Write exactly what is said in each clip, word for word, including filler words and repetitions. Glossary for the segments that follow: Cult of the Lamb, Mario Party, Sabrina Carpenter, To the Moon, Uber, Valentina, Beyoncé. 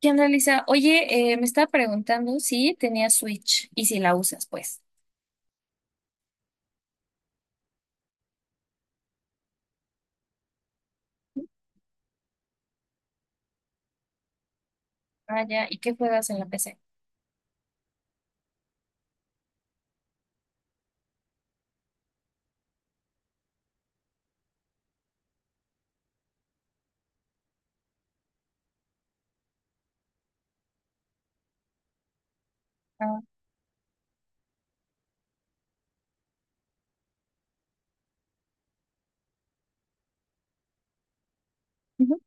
¿Qué onda, Lisa? Oye, eh, me estaba preguntando si tenías Switch y si la usas, pues. Ah, ya. ¿Y qué juegas en la P C? Ah, ujú,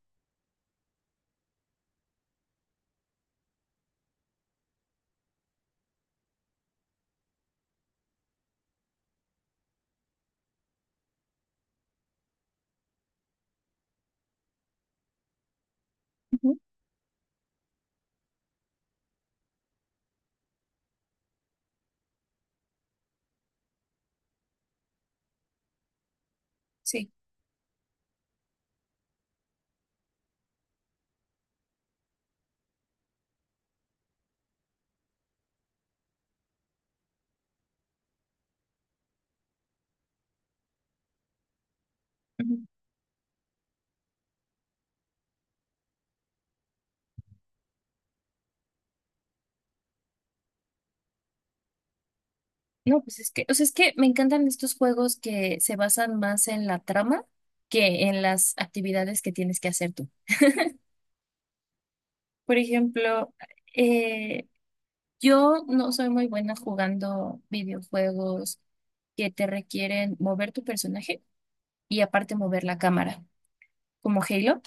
ujú, sí. Ujú. No, pues es que, o sea, es que me encantan estos juegos que se basan más en la trama que en las actividades que tienes que hacer tú. Por ejemplo, eh, yo no soy muy buena jugando videojuegos que te requieren mover tu personaje y aparte mover la cámara, como Halo.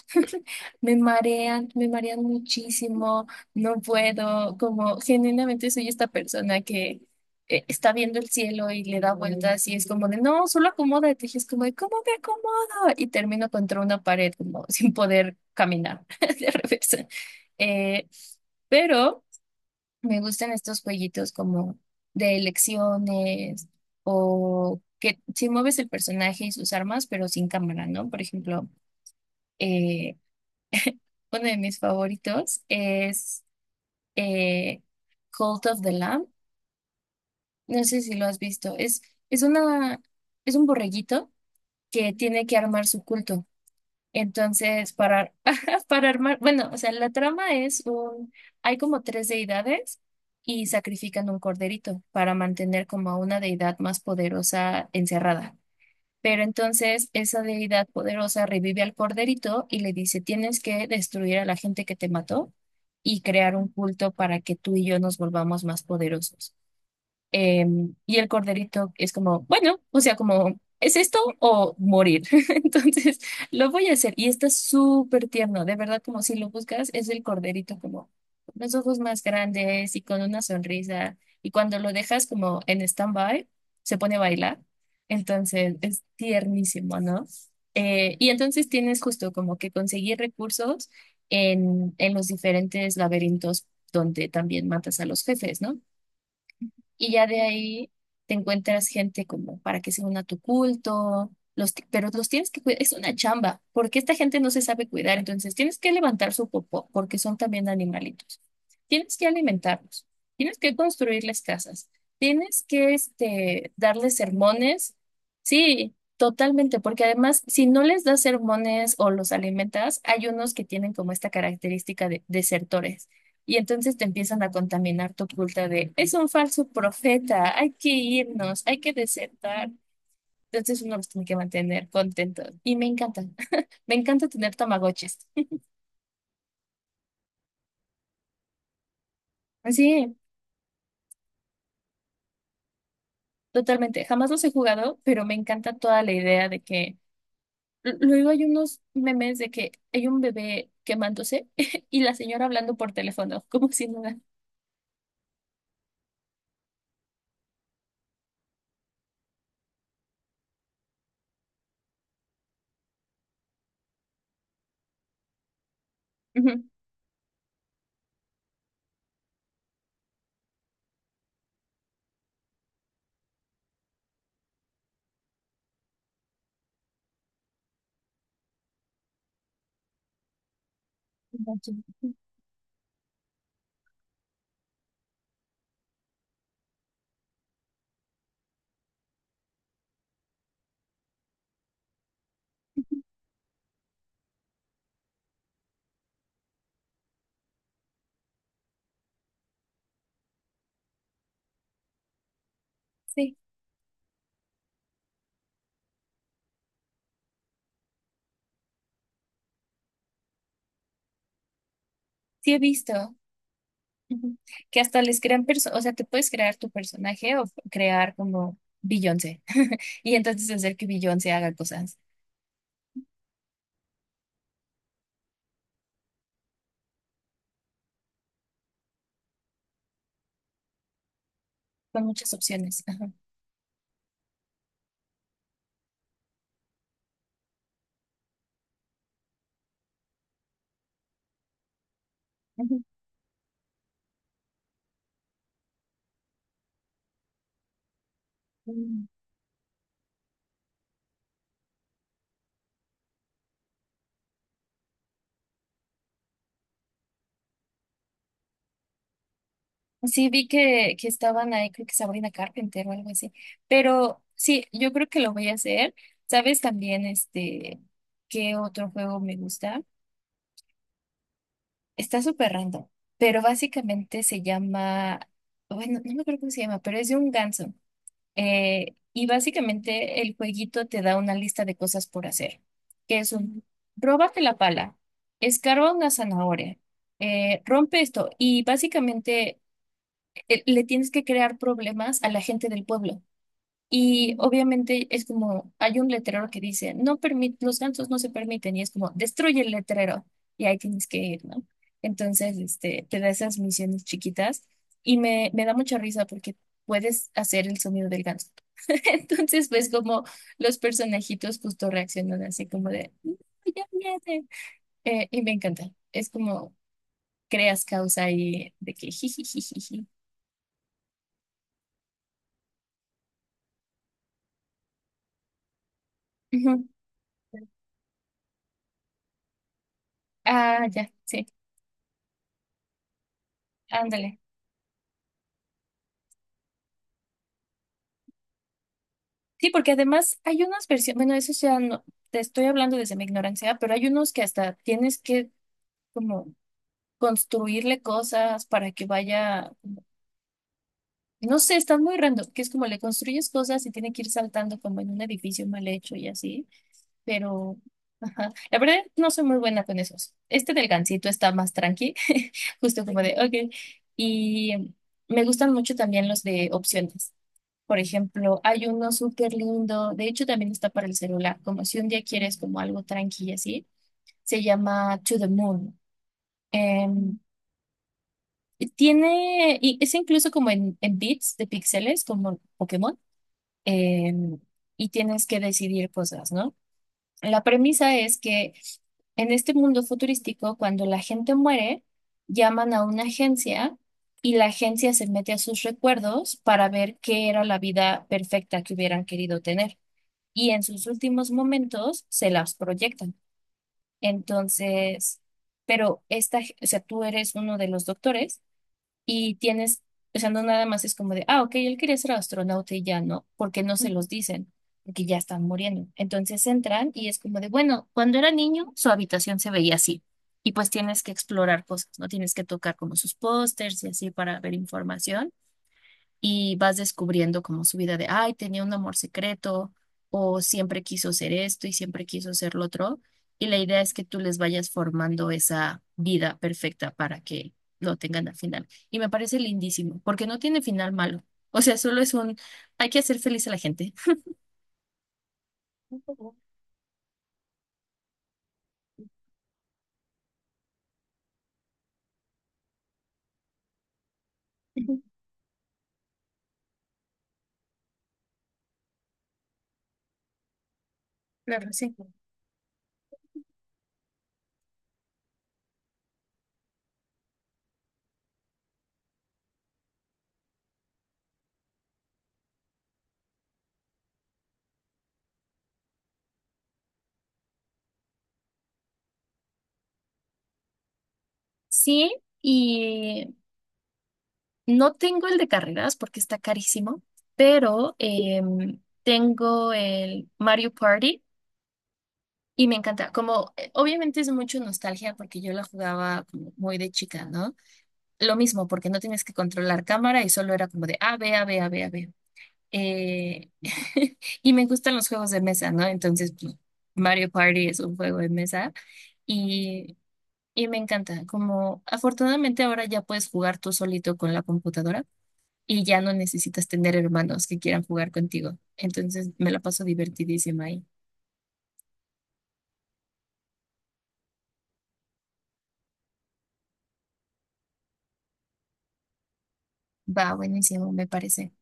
Me marean, me marean muchísimo, no puedo, como genuinamente soy esta persona que eh, está viendo el cielo y le da vueltas y es como de, no, solo acomódate, y es como de, ¿cómo me acomodo? Y termino contra una pared como sin poder caminar de revés. Eh, pero me gustan estos jueguitos como de elecciones o que si mueves el personaje y sus armas, pero sin cámara, ¿no? Por ejemplo eh, uno de mis favoritos es eh, Cult of the Lamb. No sé si lo has visto. Es, es una, es un borreguito que tiene que armar su culto. Entonces, para, para armar, bueno, o sea, la trama es un, hay como tres deidades y sacrifican un corderito para mantener como a una deidad más poderosa encerrada. Pero entonces esa deidad poderosa revive al corderito y le dice, tienes que destruir a la gente que te mató y crear un culto para que tú y yo nos volvamos más poderosos. Eh, y el corderito es como, bueno, o sea, como, ¿es esto o morir? Entonces, lo voy a hacer. Y está súper tierno, de verdad, como si lo buscas, es el corderito como con los ojos más grandes y con una sonrisa. Y cuando lo dejas como en stand-by, se pone a bailar. Entonces, es tiernísimo, ¿no? Eh, y entonces tienes justo como que conseguir recursos en, en los diferentes laberintos donde también matas a los jefes, ¿no? Y ya de ahí te encuentras gente como para que se una a tu culto, los, ti- pero los tienes que cuidar, es una chamba, porque esta gente no se sabe cuidar, entonces tienes que levantar su popó, porque son también animalitos. Tienes que alimentarlos, tienes que construirles casas, tienes que este, darles sermones, sí, totalmente, porque además si no les das sermones o los alimentas, hay unos que tienen como esta característica de desertores. Y entonces te empiezan a contaminar tu culta de, es un falso profeta, hay que irnos, hay que desertar. Entonces uno los tiene que mantener contentos. Y me encanta, me encanta tener tamagotchis. Sí, totalmente. Jamás los he jugado, pero me encanta toda la idea de que, l- luego hay unos memes de que hay un bebé quemándose y la señora hablando por teléfono, como si nada. Ujú. Sí, sí he visto. Ujú. Que hasta les crean personas, o sea, te puedes crear tu personaje o crear como Beyoncé y entonces hacer que Beyoncé haga cosas con muchas opciones. Ajá. Ujú. Mm. Sí, vi que, que estaban ahí, creo que Sabrina Carpenter o algo así, pero sí, yo creo que lo voy a hacer. ¿Sabes también este qué otro juego me gusta? Está súper random, pero básicamente se llama, bueno, no me acuerdo cómo se llama, pero es de un ganso. Eh, y básicamente el jueguito te da una lista de cosas por hacer, que es un, róbate la pala, escarba una zanahoria, eh, rompe esto y básicamente eh, le tienes que crear problemas a la gente del pueblo. Y obviamente es como, hay un letrero que dice, no permit, los gansos no se permiten, y es como, destruye el letrero, y ahí tienes que ir, ¿no? Entonces, este, te da esas misiones chiquitas, y me, me da mucha risa porque puedes hacer el sonido del ganso. Entonces, pues como los personajitos justo reaccionan así como de, "No, ya viene. Eh, y me encanta. Es como creas causa ahí de que jijijijiji. Ujú. Ah, ya, sí, ándale. Sí, porque además hay unas versiones, bueno, eso ya no, te estoy hablando desde mi ignorancia, pero hay unos que hasta tienes que como construirle cosas para que vaya, no sé, están muy random, que es como le construyes cosas y tiene que ir saltando como en un edificio mal hecho y así. Pero, ajá, la verdad no soy muy buena con esos. Este del gansito está más tranqui, justo como de, ok. Y me gustan mucho también los de opciones. Por ejemplo, hay uno súper lindo, de hecho también está para el celular, como si un día quieres como algo tranqui y así, se llama To the Moon. Em, y tiene, y es incluso como en, en bits de píxeles, como Pokémon, em, y tienes que decidir cosas, ¿no? La premisa es que en este mundo futurístico, cuando la gente muere, llaman a una agencia y la agencia se mete a sus recuerdos para ver qué era la vida perfecta que hubieran querido tener. Y en sus últimos momentos se las proyectan. Entonces, pero esta, o sea, tú eres uno de los doctores. Y tienes, o sea, no nada más es como de, ah, ok, él quería ser astronauta y ya no, porque no se los dicen, porque ya están muriendo. Entonces entran y es como de, bueno, cuando era niño, su habitación se veía así. Y pues tienes que explorar cosas, ¿no? Tienes que tocar como sus pósters y así para ver información y vas descubriendo como su vida de, ay, tenía un amor secreto o siempre quiso ser esto y siempre quiso ser lo otro. Y la idea es que tú les vayas formando esa vida perfecta para que lo tengan al final. Y me parece lindísimo, porque no tiene final malo. O sea, solo es un, hay que hacer feliz a la gente. Ujú, claro, sí. Sí, y no tengo el de carreras porque está carísimo, pero em, tengo el Mario Party y me encanta, como eh, obviamente es mucho nostalgia porque yo la jugaba como muy de chica, ¿no? Lo mismo, porque no tienes que controlar cámara y solo era como de A, B, A, B, A, B, A, B. Eh, y me gustan los juegos de mesa, ¿no? Entonces, pues, Mario Party es un juego de mesa y, y me encanta, como afortunadamente ahora ya puedes jugar tú solito con la computadora y ya no necesitas tener hermanos que quieran jugar contigo. Entonces, me la paso divertidísima ahí. Va, buenísimo, me parece.